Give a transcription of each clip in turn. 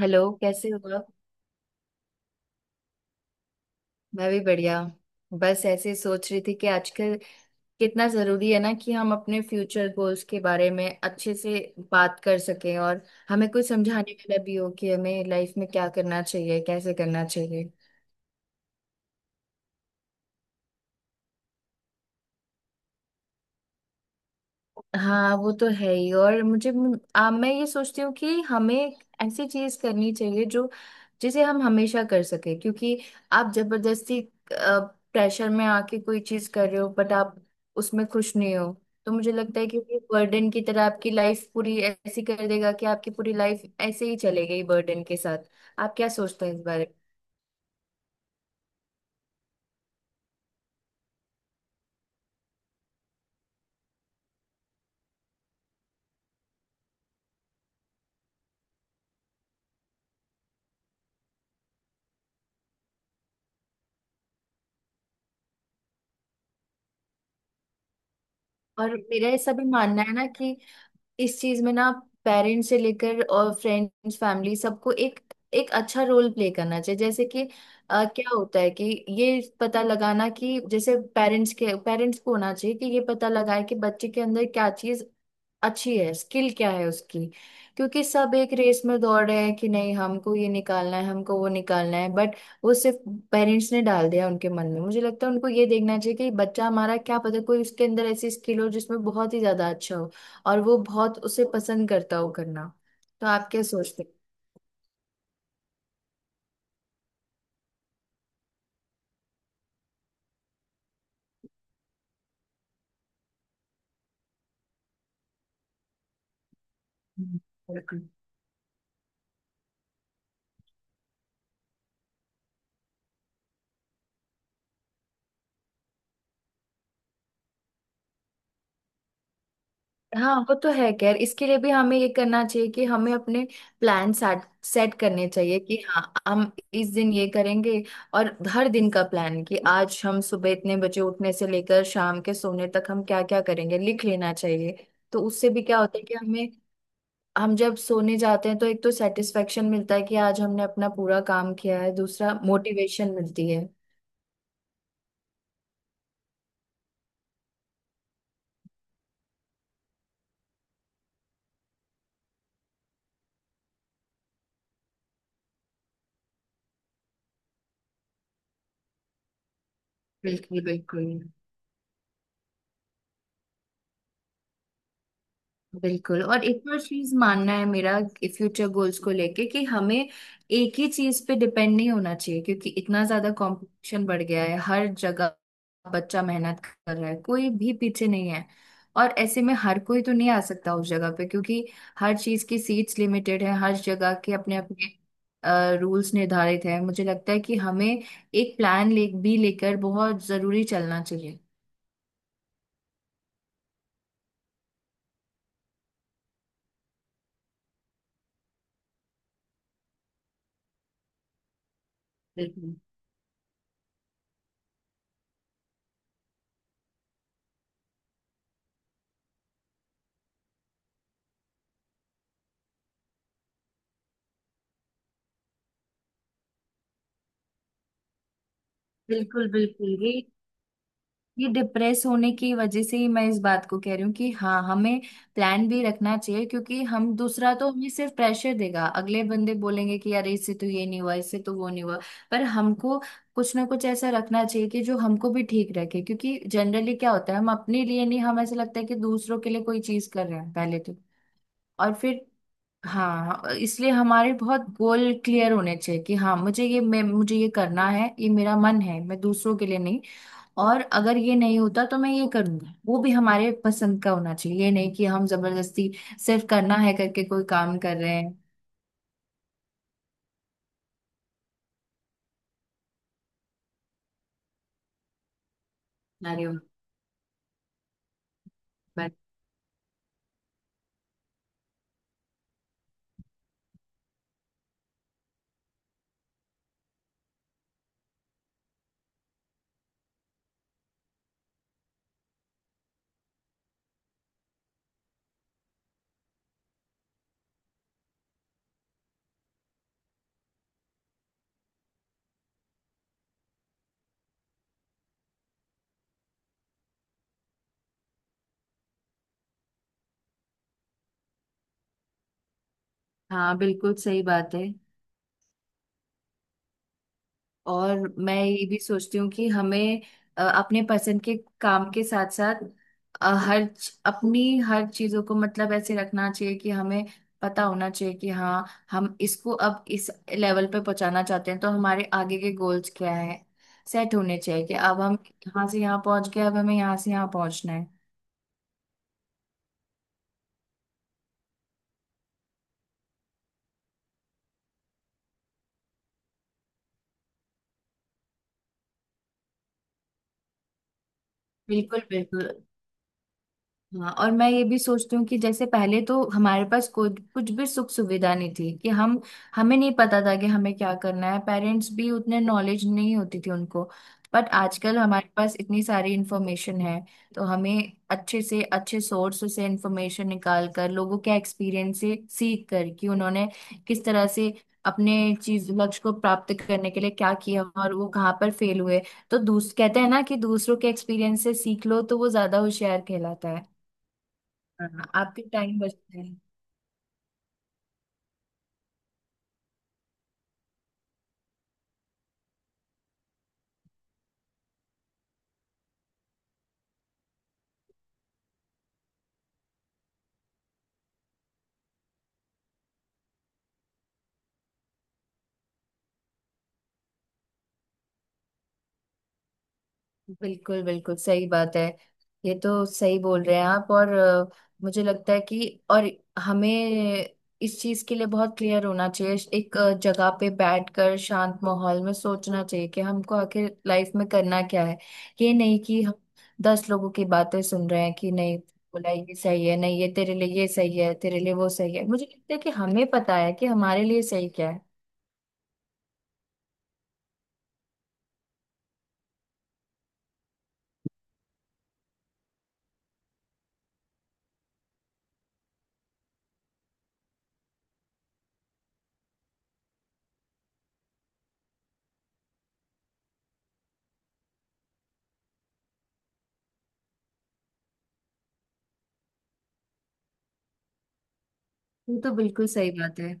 Hello कैसे हो आप? मैं भी बढ़िया। बस ऐसे ही सोच रही थी कि आजकल कितना जरूरी है ना कि हम अपने फ्यूचर गोल्स के बारे में अच्छे से बात कर सकें और हमें कुछ समझाने वाला भी हो कि हमें लाइफ में क्या करना चाहिए, कैसे करना चाहिए। हाँ, वो तो है ही। और मुझे मैं ये सोचती हूँ कि हमें ऐसी चीज करनी चाहिए जो जिसे हम हमेशा कर सके, क्योंकि आप जबरदस्ती प्रेशर में आके कोई चीज कर रहे हो बट आप उसमें खुश नहीं हो। तो मुझे लगता है कि ये बर्डन की तरह आपकी लाइफ पूरी ऐसी कर देगा कि आपकी पूरी लाइफ ऐसे ही चले गई बर्डन के साथ। आप क्या सोचते हैं इस बारे में? और मेरा ऐसा भी मानना है ना कि इस चीज में ना, पेरेंट्स से लेकर और फ्रेंड्स, फैमिली, सबको एक एक अच्छा रोल प्ले करना चाहिए। जैसे कि क्या होता है कि ये पता लगाना कि जैसे पेरेंट्स के, पेरेंट्स को होना चाहिए कि ये पता लगाए कि बच्चे के अंदर क्या चीज अच्छी है, स्किल क्या है उसकी। क्योंकि सब एक रेस में दौड़ रहे हैं कि नहीं, हमको ये निकालना है, हमको वो निकालना है, बट वो सिर्फ पेरेंट्स ने डाल दिया उनके मन में। मुझे लगता है उनको ये देखना चाहिए कि बच्चा हमारा क्या पता कोई उसके अंदर ऐसी स्किल हो जिसमें बहुत ही ज्यादा अच्छा हो और वो बहुत उसे पसंद करता हो करना। तो आप क्या सोचते हैं? बिल्कुल। हाँ, वो तो है। खैर, इसके लिए भी हमें ये करना चाहिए कि हमें अपने प्लान सेट सेट करने चाहिए कि हाँ, हम इस दिन ये करेंगे, और हर दिन का प्लान कि आज हम सुबह इतने बजे उठने से लेकर शाम के सोने तक हम क्या क्या करेंगे लिख लेना चाहिए। तो उससे भी क्या होता है कि हमें, हम जब सोने जाते हैं तो एक तो सेटिस्फेक्शन मिलता है कि आज हमने अपना पूरा काम किया है, दूसरा मोटिवेशन मिलती है। बिल्कुल, बिल्कुल, बिल्कुल। और एक और चीज मानना है मेरा फ्यूचर गोल्स को लेके कि हमें एक ही चीज पे डिपेंड नहीं होना चाहिए, क्योंकि इतना ज्यादा कंपटीशन बढ़ गया है हर जगह। बच्चा मेहनत कर रहा है, कोई भी पीछे नहीं है, और ऐसे में हर कोई तो नहीं आ सकता उस जगह पे क्योंकि हर चीज की सीट्स लिमिटेड है, हर जगह के अपने अपने रूल्स निर्धारित है। मुझे लगता है कि हमें एक प्लान ले भी लेकर बहुत जरूरी चलना चाहिए। बिल्कुल, बिल्कुल। बिल्कुल, ये डिप्रेस होने की वजह से ही मैं इस बात को कह रही हूँ कि हाँ, हमें प्लान भी रखना चाहिए, क्योंकि हम दूसरा तो हमें सिर्फ प्रेशर देगा। अगले बंदे बोलेंगे कि यार इससे तो ये नहीं हुआ, इससे तो वो नहीं हुआ। पर हमको कुछ ना कुछ ऐसा रखना चाहिए कि जो हमको भी ठीक रखे, क्योंकि जनरली क्या होता है हम अपने लिए नहीं, हम ऐसा लगता है कि दूसरों के लिए कोई चीज कर रहे हैं पहले तो। और फिर हाँ, इसलिए हमारे बहुत गोल क्लियर होने चाहिए कि हाँ मुझे ये करना है, ये मेरा मन है, मैं दूसरों के लिए नहीं। और अगर ये नहीं होता तो मैं ये करूंगा, वो भी हमारे पसंद का होना चाहिए, ये नहीं कि हम जबरदस्ती सिर्फ करना है करके कोई काम कर रहे हैं। अरे वाह! बट हाँ, बिल्कुल सही बात है। और मैं ये भी सोचती हूँ कि हमें अपने पसंद के काम के साथ साथ अपनी हर चीजों को मतलब ऐसे रखना चाहिए कि हमें पता होना चाहिए कि हाँ, हम इसको अब इस लेवल पे पहुंचाना चाहते हैं, तो हमारे आगे के गोल्स क्या है सेट होने चाहिए, कि अब हम यहाँ से यहाँ पहुंच गए, अब हमें यहाँ से यहाँ पहुंचना है। बिल्कुल, बिल्कुल। हाँ, और मैं ये भी सोचती हूँ कि जैसे पहले तो हमारे पास कोई कुछ भी सुख सुविधा नहीं थी, कि हम, हमें नहीं पता था कि हमें क्या करना है, पेरेंट्स भी उतने नॉलेज नहीं होती थी उनको। बट आजकल हमारे पास इतनी सारी इन्फॉर्मेशन है, तो हमें अच्छे से अच्छे सोर्स से इन्फॉर्मेशन निकाल कर लोगों के एक्सपीरियंस से सीख कर कि उन्होंने किस तरह से अपने चीज लक्ष्य को प्राप्त करने के लिए क्या किया और वो कहाँ पर फेल हुए। तो दूस कहते हैं ना कि दूसरों के एक्सपीरियंस से सीख लो तो वो ज्यादा होशियार कहलाता है। हाँ, आपके टाइम बचता है। बिल्कुल, बिल्कुल सही बात है। ये तो सही बोल रहे हैं आप। और मुझे लगता है कि और हमें इस चीज के लिए बहुत क्लियर होना चाहिए। एक जगह पे बैठकर शांत माहौल में सोचना चाहिए कि हमको आखिर लाइफ में करना क्या है। ये नहीं कि हम 10 लोगों की बातें सुन रहे हैं कि नहीं बोला ये सही है, नहीं ये तेरे लिए ये सही है, तेरे लिए वो सही है। मुझे लगता है कि हमें पता है कि हमारे लिए सही क्या है। ये तो बिल्कुल सही बात है।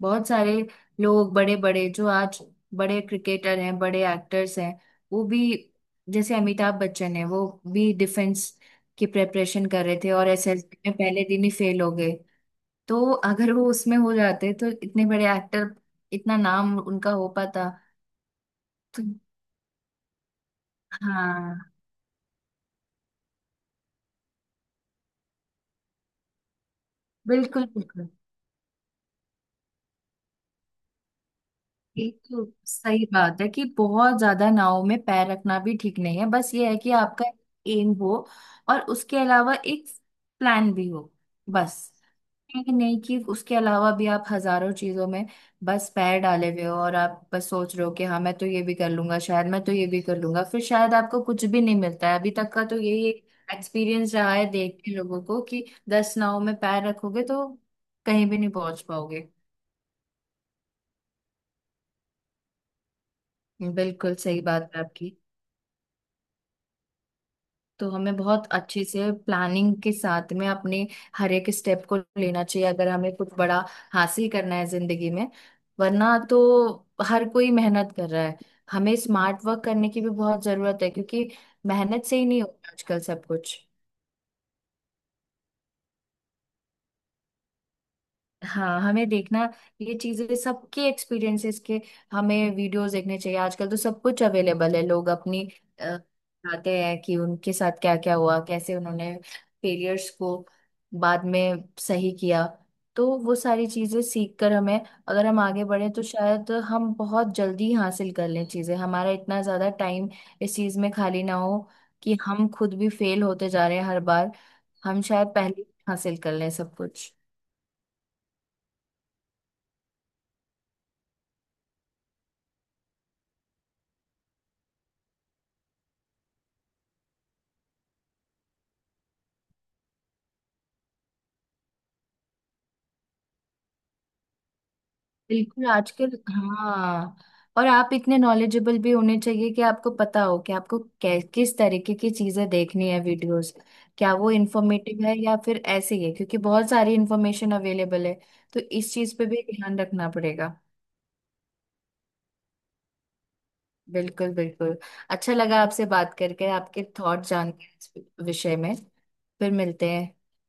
बहुत सारे लोग, बड़े बड़े जो आज बड़े क्रिकेटर हैं, बड़े एक्टर्स हैं, वो भी, जैसे अमिताभ बच्चन है, वो भी डिफेंस की प्रिपरेशन कर रहे थे और एसएसबी में पहले दिन ही फेल हो गए। तो अगर वो उसमें हो जाते तो इतने बड़े एक्टर, इतना नाम उनका हो पाता? तो हाँ। बिल्कुल, बिल्कुल। एक तो सही बात है कि बहुत ज्यादा नाव में पैर रखना भी ठीक नहीं है। बस ये है कि आपका एम हो और उसके अलावा एक प्लान भी हो, बस। ये नहीं कि उसके अलावा भी आप हजारों चीजों में बस पैर डाले हुए हो और आप बस सोच रहे हो कि हाँ, मैं तो ये भी कर लूंगा शायद, मैं तो ये भी कर लूंगा, फिर शायद आपको कुछ भी नहीं मिलता है। अभी तक का तो यही एक्सपीरियंस रहा है देख के लोगों को कि 10 नाव में पैर रखोगे तो कहीं भी नहीं पहुंच पाओगे। बिल्कुल सही बात है आपकी। तो हमें बहुत अच्छे से प्लानिंग के साथ में अपने हर एक स्टेप को लेना चाहिए, अगर हमें कुछ बड़ा हासिल करना है जिंदगी में। वरना तो हर कोई मेहनत कर रहा है, हमें स्मार्ट वर्क करने की भी बहुत जरूरत है, क्योंकि मेहनत से ही नहीं होता आजकल सब कुछ। हाँ, हमें देखना, ये चीजें सबके एक्सपीरियंसेस के, हमें वीडियोस देखने चाहिए। आजकल तो सब कुछ अवेलेबल है, लोग अपनी अ, बताते हैं कि उनके साथ क्या क्या हुआ, कैसे उन्होंने फेलियर्स को बाद में सही किया। तो वो सारी चीजें सीख कर हमें अगर हम आगे बढ़े तो शायद हम बहुत जल्दी हासिल कर लें चीजें, हमारा इतना ज्यादा टाइम इस चीज में खाली ना हो कि हम खुद भी फेल होते जा रहे हैं हर बार। हम शायद पहले ही हासिल कर लें सब कुछ। बिल्कुल, आजकल हाँ। और आप इतने नॉलेजेबल भी होने चाहिए कि आपको पता हो कि आपको किस तरीके की चीजें देखनी है, वीडियोस, क्या वो इंफॉर्मेटिव है या फिर ऐसे ही है, क्योंकि बहुत सारी इंफॉर्मेशन अवेलेबल है। तो इस चीज पे भी ध्यान रखना पड़ेगा। बिल्कुल, बिल्कुल। अच्छा लगा आपसे बात करके, आपके थॉट जान के इस विषय में। फिर मिलते हैं।